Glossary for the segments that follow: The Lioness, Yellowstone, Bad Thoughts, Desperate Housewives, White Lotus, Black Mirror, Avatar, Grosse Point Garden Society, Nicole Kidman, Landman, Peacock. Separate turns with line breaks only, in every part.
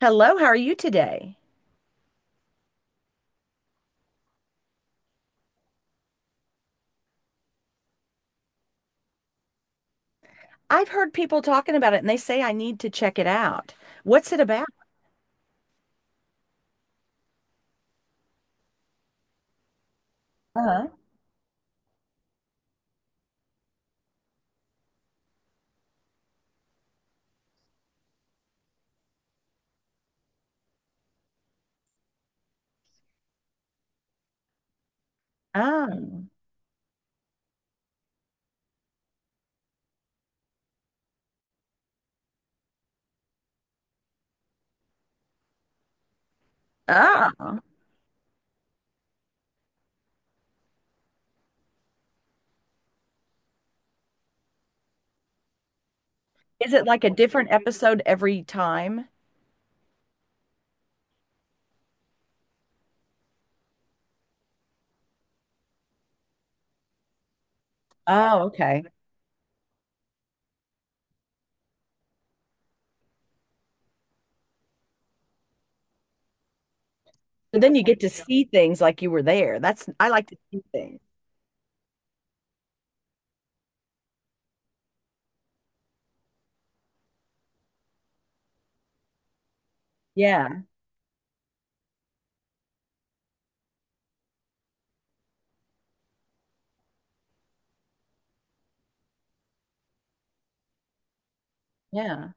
Hello, how are you today? I've heard people talking about it and they say I need to check it out. What's it about? Uh-huh. Oh, oh. Is it like a different episode every time? Oh, okay. So then you get to see things like you were there. That's, I like to see things. Yeah, yeah.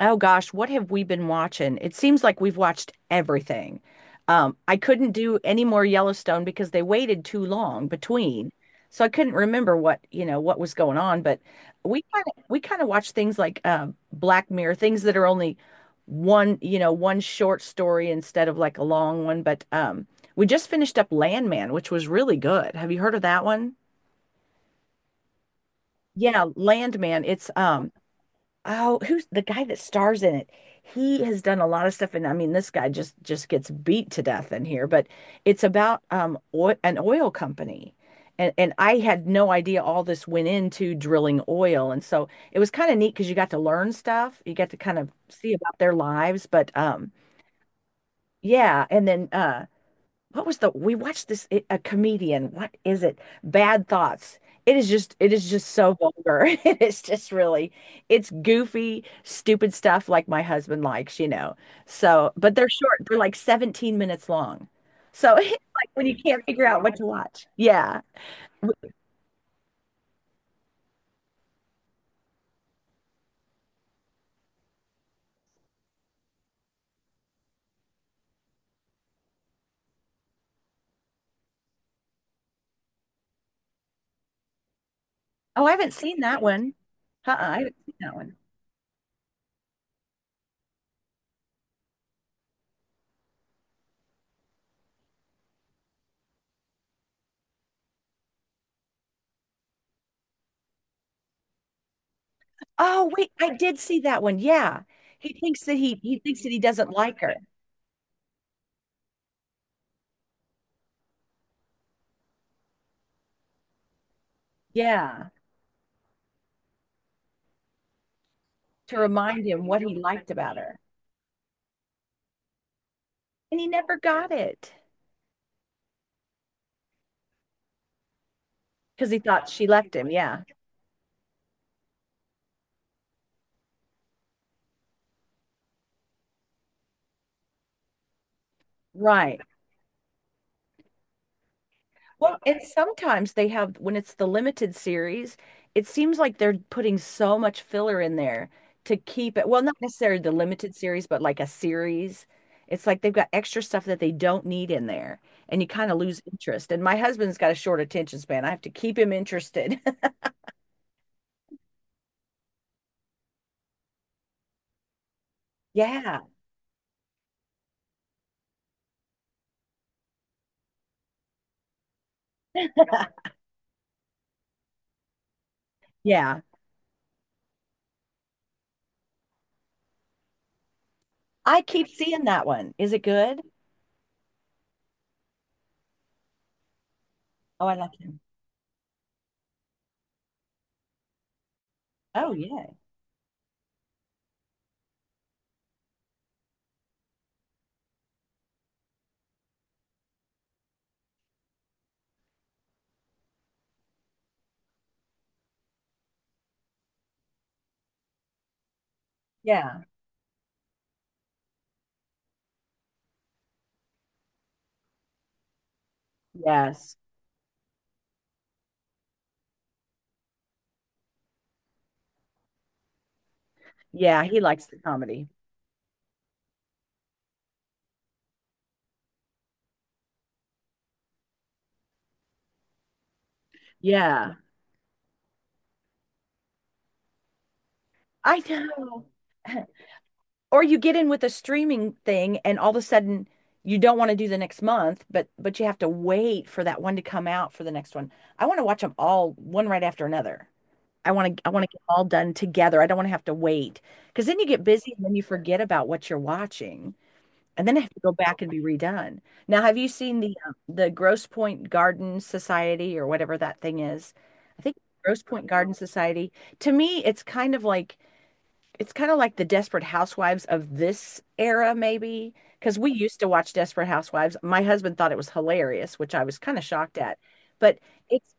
Oh gosh, what have we been watching? It seems like we've watched everything. I couldn't do any more Yellowstone because they waited too long between. So I couldn't remember what, you know, what was going on, but we kind of watch things like Black Mirror, things that are only one, you know, one short story instead of like a long one, but we just finished up Landman, which was really good. Have you heard of that one? Yeah, Landman. It's um Oh, who's the guy that stars in it? He has done a lot of stuff, and I mean, this guy just gets beat to death in here. But it's about oil, an oil company, and I had no idea all this went into drilling oil, and so it was kind of neat because you got to learn stuff, you got to kind of see about their lives. But Yeah, and then what was the we watched this it, a comedian. What is it? Bad Thoughts. It is just so vulgar. It is just really it's goofy, stupid stuff like my husband likes, you know. So, but they're short. They're like 17 minutes long. So it's like when you can't figure out what to watch. Yeah. W- Oh, I haven't seen that one. Uh-uh, I haven't seen that one. Oh, wait, I did see that one. Yeah. He thinks that he thinks that he doesn't like her. Yeah. To remind him what he liked about her. And he never got it because he thought she left him. Yeah, right. Well, and sometimes they have, when it's the limited series, it seems like they're putting so much filler in there to keep it. Well, not necessarily the limited series, but like a series. It's like they've got extra stuff that they don't need in there, and you kind of lose interest. And my husband's got a short attention span. I have to keep him interested. Yeah, yeah. I keep seeing that one. Is it good? Oh, I like him. Oh, yeah. Yeah. Yes. Yeah, he likes the comedy. Yeah, I know. Or you get in with a streaming thing and all of a sudden you don't want to do the next month, but you have to wait for that one to come out for the next one. I want to watch them all one right after another. I want to get all done together. I don't want to have to wait because then you get busy and then you forget about what you're watching. And then I have to go back and be redone. Now, have you seen the Grosse Point Garden Society or whatever that thing is? I think Grosse Point Garden Society. To me, it's kind of like the Desperate Housewives of this era, maybe, because we used to watch Desperate Housewives. My husband thought it was hilarious, which I was kind of shocked at. But it's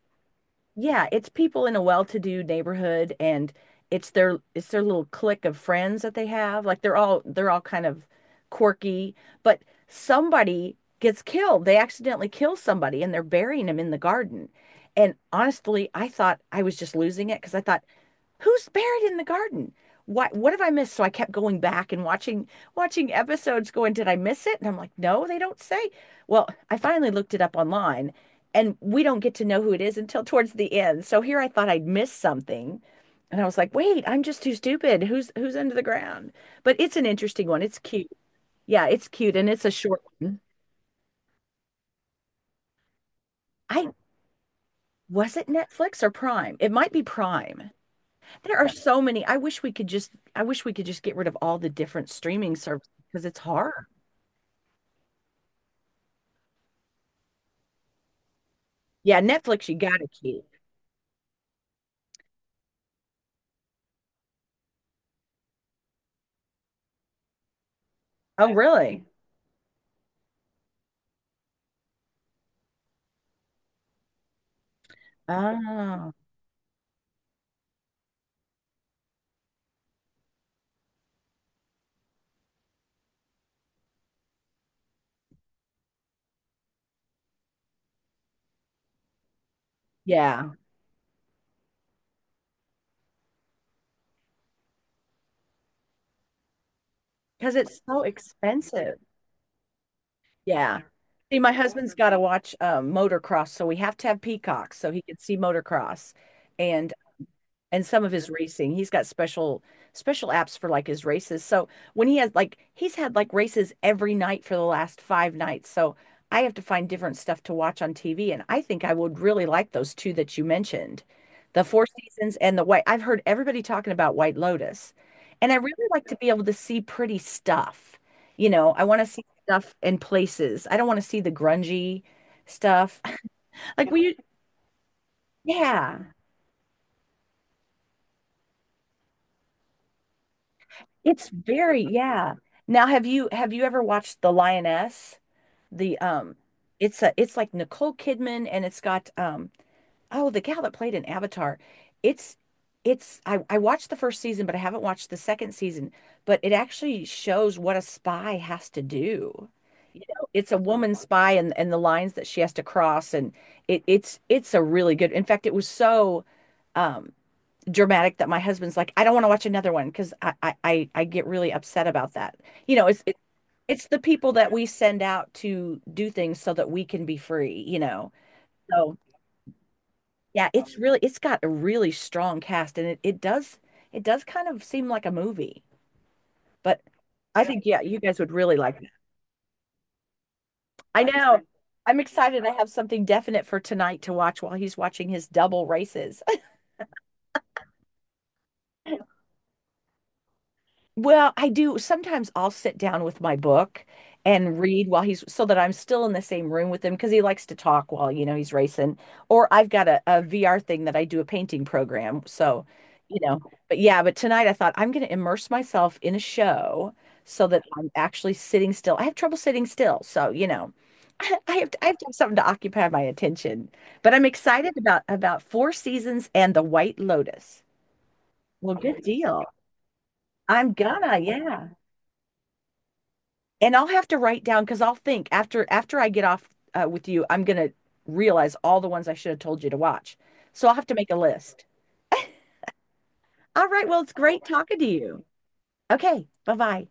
yeah, it's people in a well-to-do neighborhood and it's their little clique of friends that they have. Like they're all kind of quirky, but somebody gets killed. They accidentally kill somebody and they're burying him in the garden. And honestly, I thought I was just losing it because I thought who's buried in the garden? What have I missed? So I kept going back and watching episodes going, did I miss it? And I'm like, no, they don't say. Well, I finally looked it up online and we don't get to know who it is until towards the end. So here I thought I'd missed something. And I was like, wait, I'm just too stupid. Who's who's under the ground? But it's an interesting one. It's cute. Yeah, it's cute and it's a short one. I Was it Netflix or Prime? It might be Prime. There are so many. I wish we could just I wish we could just get rid of all the different streaming services because it's hard. Yeah, Netflix you gotta keep. Oh, really? Oh, yeah. Because it's so expensive. Yeah. See, my husband's got to watch motocross, so we have to have Peacock so he can see motocross. And some of his racing. He's got special apps for like his races. So when he has like he's had like races every night for the last five nights. So I have to find different stuff to watch on TV. And I think I would really like those two that you mentioned, the Four Seasons and the White. I've heard everybody talking about White Lotus. And I really like to be able to see pretty stuff. You know, I want to see stuff in places. I don't want to see the grungy stuff. Like we, yeah. It's very, yeah. Now, have you ever watched The Lioness? The It's a it's like Nicole Kidman and it's got oh the gal that played in Avatar. It's it's I watched the first season, but I haven't watched the second season, but it actually shows what a spy has to do. You know, it's a woman spy and the lines that she has to cross and it's a really good. In fact, it was so um dramatic that my husband's like, I don't want to watch another one because I get really upset about that. You know, it's the people that we send out to do things so that we can be free. You know, so yeah, it's really it's got a really strong cast and it does it does kind of seem like a movie, but I think yeah, you guys would really like it. I know. I'm excited. I have something definite for tonight to watch while he's watching his double races. Well, I do sometimes I'll sit down with my book and read while he's so that I'm still in the same room with him because he likes to talk while, you know, he's racing. Or I've got a, VR thing that I do a painting program. So, you know, but yeah, but tonight I thought I'm going to immerse myself in a show so that I'm actually sitting still. I have trouble sitting still. So, you know, I have to, I have to have something to occupy my attention. But I'm excited about Four Seasons and The White Lotus. Well, good deal. I'm gonna, yeah. And I'll have to write down because I'll think after I get off with you, I'm gonna realize all the ones I should have told you to watch. So I'll have to make a list. All right, well, it's great talking to you. Okay, bye-bye.